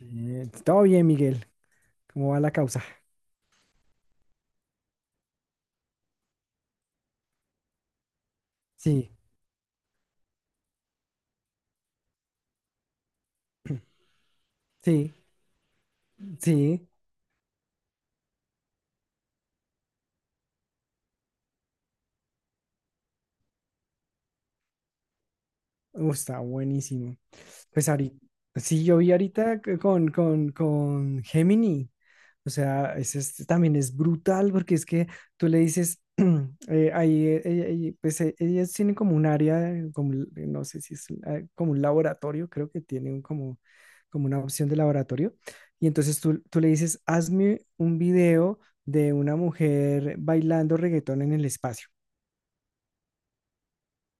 Todo bien, Miguel. ¿Cómo va la causa? Sí, sí, sí. Está buenísimo. Pues ahorita, sí, yo vi ahorita con Gemini. O sea, también es brutal porque es que tú le dices, ahí, pues ellas tienen como un área, como, no sé si es como un laboratorio, creo que tienen como una opción de laboratorio. Y entonces tú le dices, hazme un video de una mujer bailando reggaetón en el espacio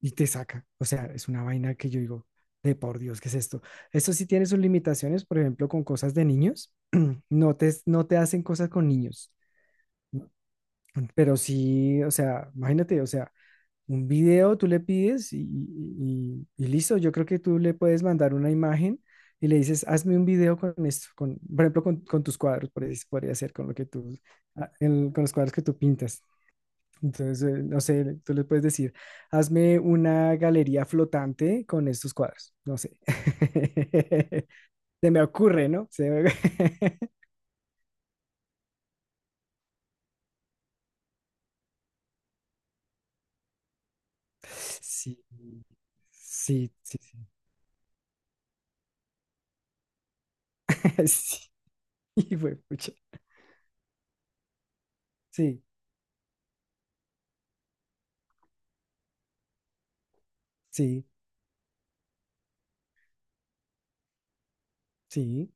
y te saca. O sea, es una vaina que yo digo, de por Dios, ¿qué es esto? Esto sí tiene sus limitaciones, por ejemplo, con cosas de niños. No te hacen cosas con niños. Pero sí, o sea, imagínate, o sea, un video tú le pides y listo. Yo creo que tú le puedes mandar una imagen y le dices, hazme un video con esto, con, por ejemplo, con tus cuadros, por ahí podría ser con lo que tú, con los cuadros que tú pintas. Entonces, no sé, tú le puedes decir, hazme una galería flotante con estos cuadros. No sé. Se me ocurre, ¿no? Sí, sí, sí, sí. Sí, y fue, pucha. Sí, sí, sí.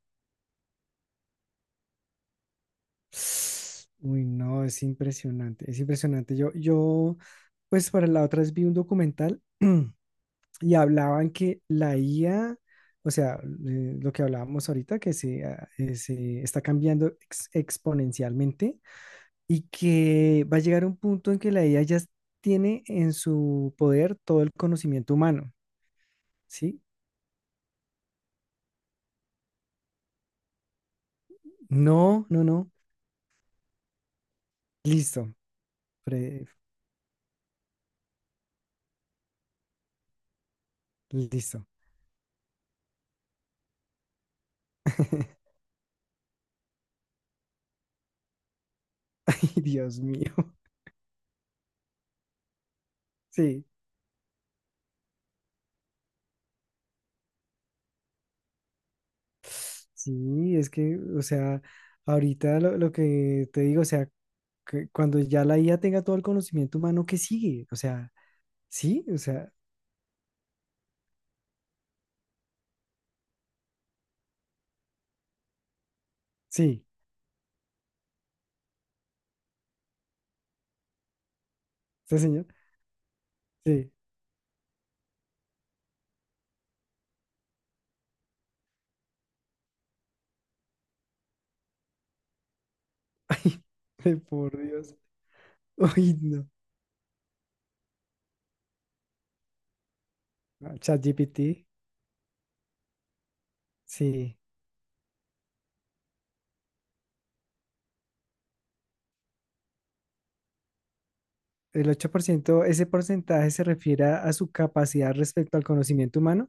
Uy, no, es impresionante, es impresionante. Pues para la otra vez vi un documental. Y hablaban que la IA, o sea, lo que hablábamos ahorita, se está cambiando exponencialmente y que va a llegar un punto en que la IA ya tiene en su poder todo el conocimiento humano, ¿sí? No, no, no. Listo. Fre- Listo. Ay, Dios mío. Sí, sí, es que, o sea, ahorita lo que te digo, o sea, que cuando ya la IA tenga todo el conocimiento humano, ¿qué sigue? O sea, sí, este señor, sí. Ay, ay, por Dios. Uy, no. Ah, ChatGPT, sí. El 8%, ese porcentaje se refiere a su capacidad respecto al conocimiento humano.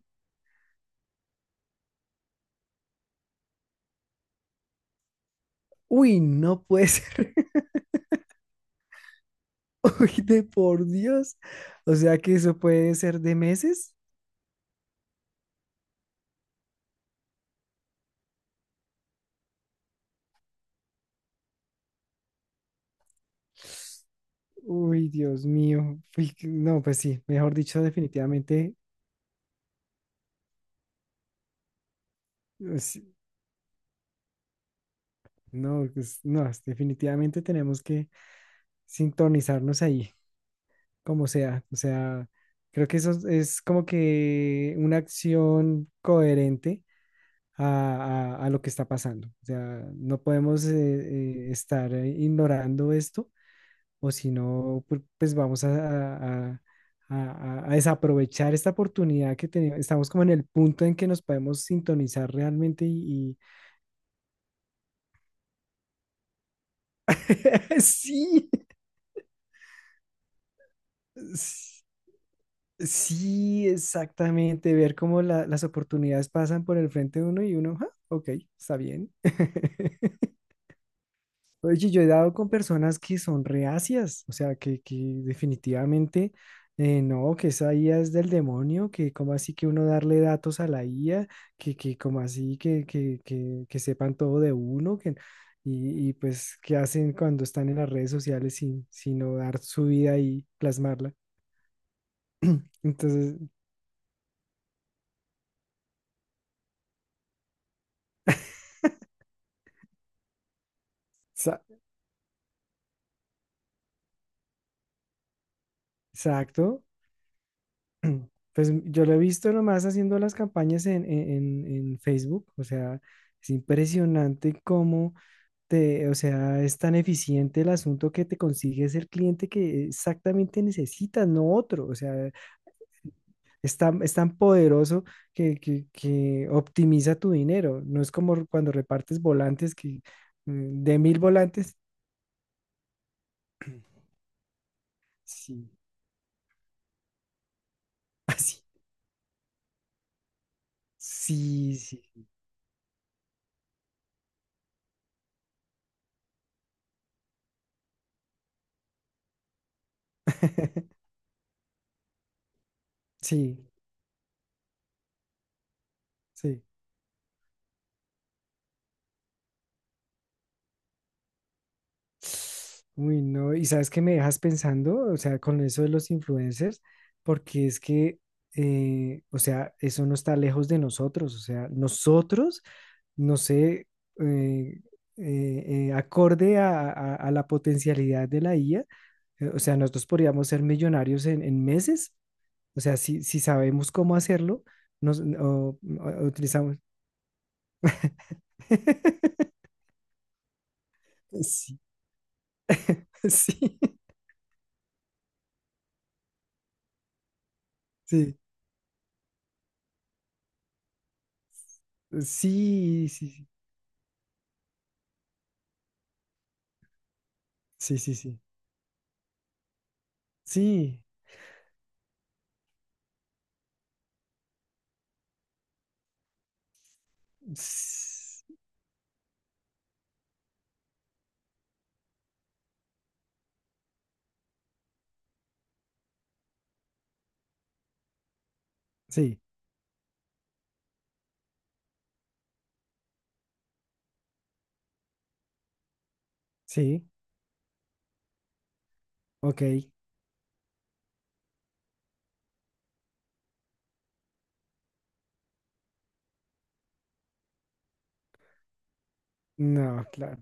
Uy, no puede ser. Uy, de por Dios. O sea que eso puede ser de meses. Uy, Dios mío. Uy, no, pues sí, mejor dicho, definitivamente, pues, no, pues, no, definitivamente tenemos que sintonizarnos ahí, como sea. O sea, creo que eso es como que una acción coherente a lo que está pasando. O sea, no podemos estar ignorando esto o si no, pues vamos a- a- a desaprovechar esta oportunidad que tenemos. Estamos como en el punto en que nos podemos sintonizar realmente. Sí, s- sí, exactamente, ver cómo las oportunidades pasan por el frente de uno y uno, "Ah, ok, está bien". Oye, yo he dado con personas que son reacias, o sea, que definitivamente no, que esa IA es del demonio, que como así que uno darle datos a la IA, que como así que, que sepan todo de uno, que, y pues qué hacen cuando están en las redes sociales sin, sino dar su vida y plasmarla. Entonces, sa- exacto. Pues yo lo he visto nomás haciendo las campañas en Facebook, o sea, es impresionante cómo o sea, es tan eficiente el asunto que te consigues el cliente que exactamente necesitas, no otro. O sea, es tan poderoso que optimiza tu dinero. No es como cuando repartes volantes que de 1.000 volantes, sí, así. Sí, sí. Sí, sí. Uy, no, y sabes que me dejas pensando, o sea, con eso de los influencers, porque es que, o sea, eso no está lejos de nosotros, o sea, nosotros, no sé, eh, eh, acorde a la potencialidad de la IA, o sea, nosotros podríamos ser millonarios en meses, o sea, si sabemos cómo hacerlo, utilizamos. Sí, sí, sí, sí, sí, sí, sí, sí. Sí. s- Sí, sí. Ok. No, claro.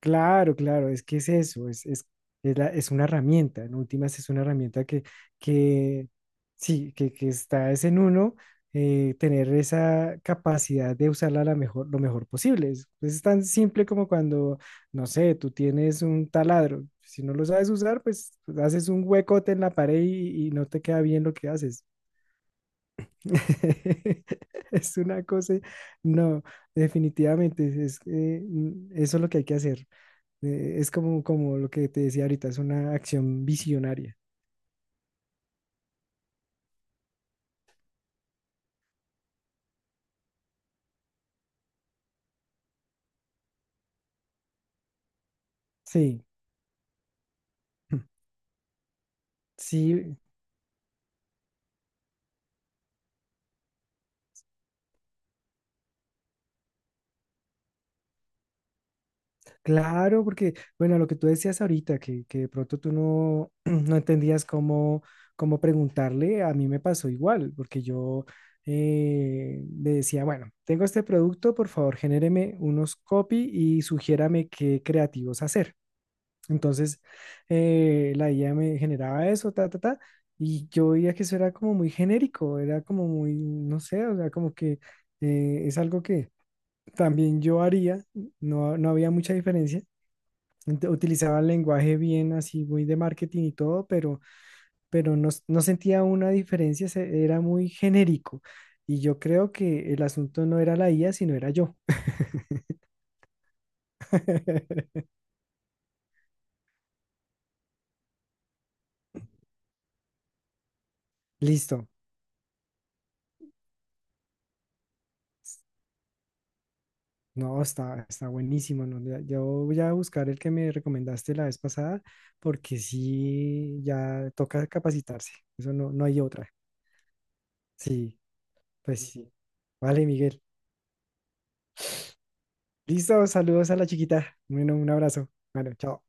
Claro, claro. Es que es eso. Es es una herramienta. En últimas es una herramienta que sí, que está es en uno tener esa capacidad de usarla la mejor, lo mejor posible. Pues, es tan simple como cuando, no sé, tú tienes un taladro. Si no lo sabes usar, pues haces un huecote en la pared y no te queda bien lo que haces. Es una cosa, no, definitivamente, eso es lo que hay que hacer. Es como lo que te decía ahorita, es una acción visionaria. Sí, mm, sí, claro, porque, bueno, lo que tú decías ahorita, que de pronto tú no, no entendías cómo preguntarle, a mí me pasó igual, porque yo le decía, bueno, tengo este producto, por favor, genéreme unos copy y sugiérame qué creativos hacer. Entonces, la IA me generaba eso, ta, ta, ta, y yo veía que eso era como muy genérico, era como muy, no sé, o sea, como que es algo que también yo haría, no, no había mucha diferencia. Utilizaba el lenguaje bien así, muy de marketing y todo, pero no, no sentía una diferencia, era muy genérico. Y yo creo que el asunto no era la IA, sino era yo. Listo. No, está buenísimo, ¿no? Yo voy a buscar el que me recomendaste la vez pasada, porque sí, ya toca capacitarse. Eso no hay otra. Sí, pues sí. Vale, Miguel. Listo, saludos a la chiquita. Bueno, un abrazo. Bueno, chao.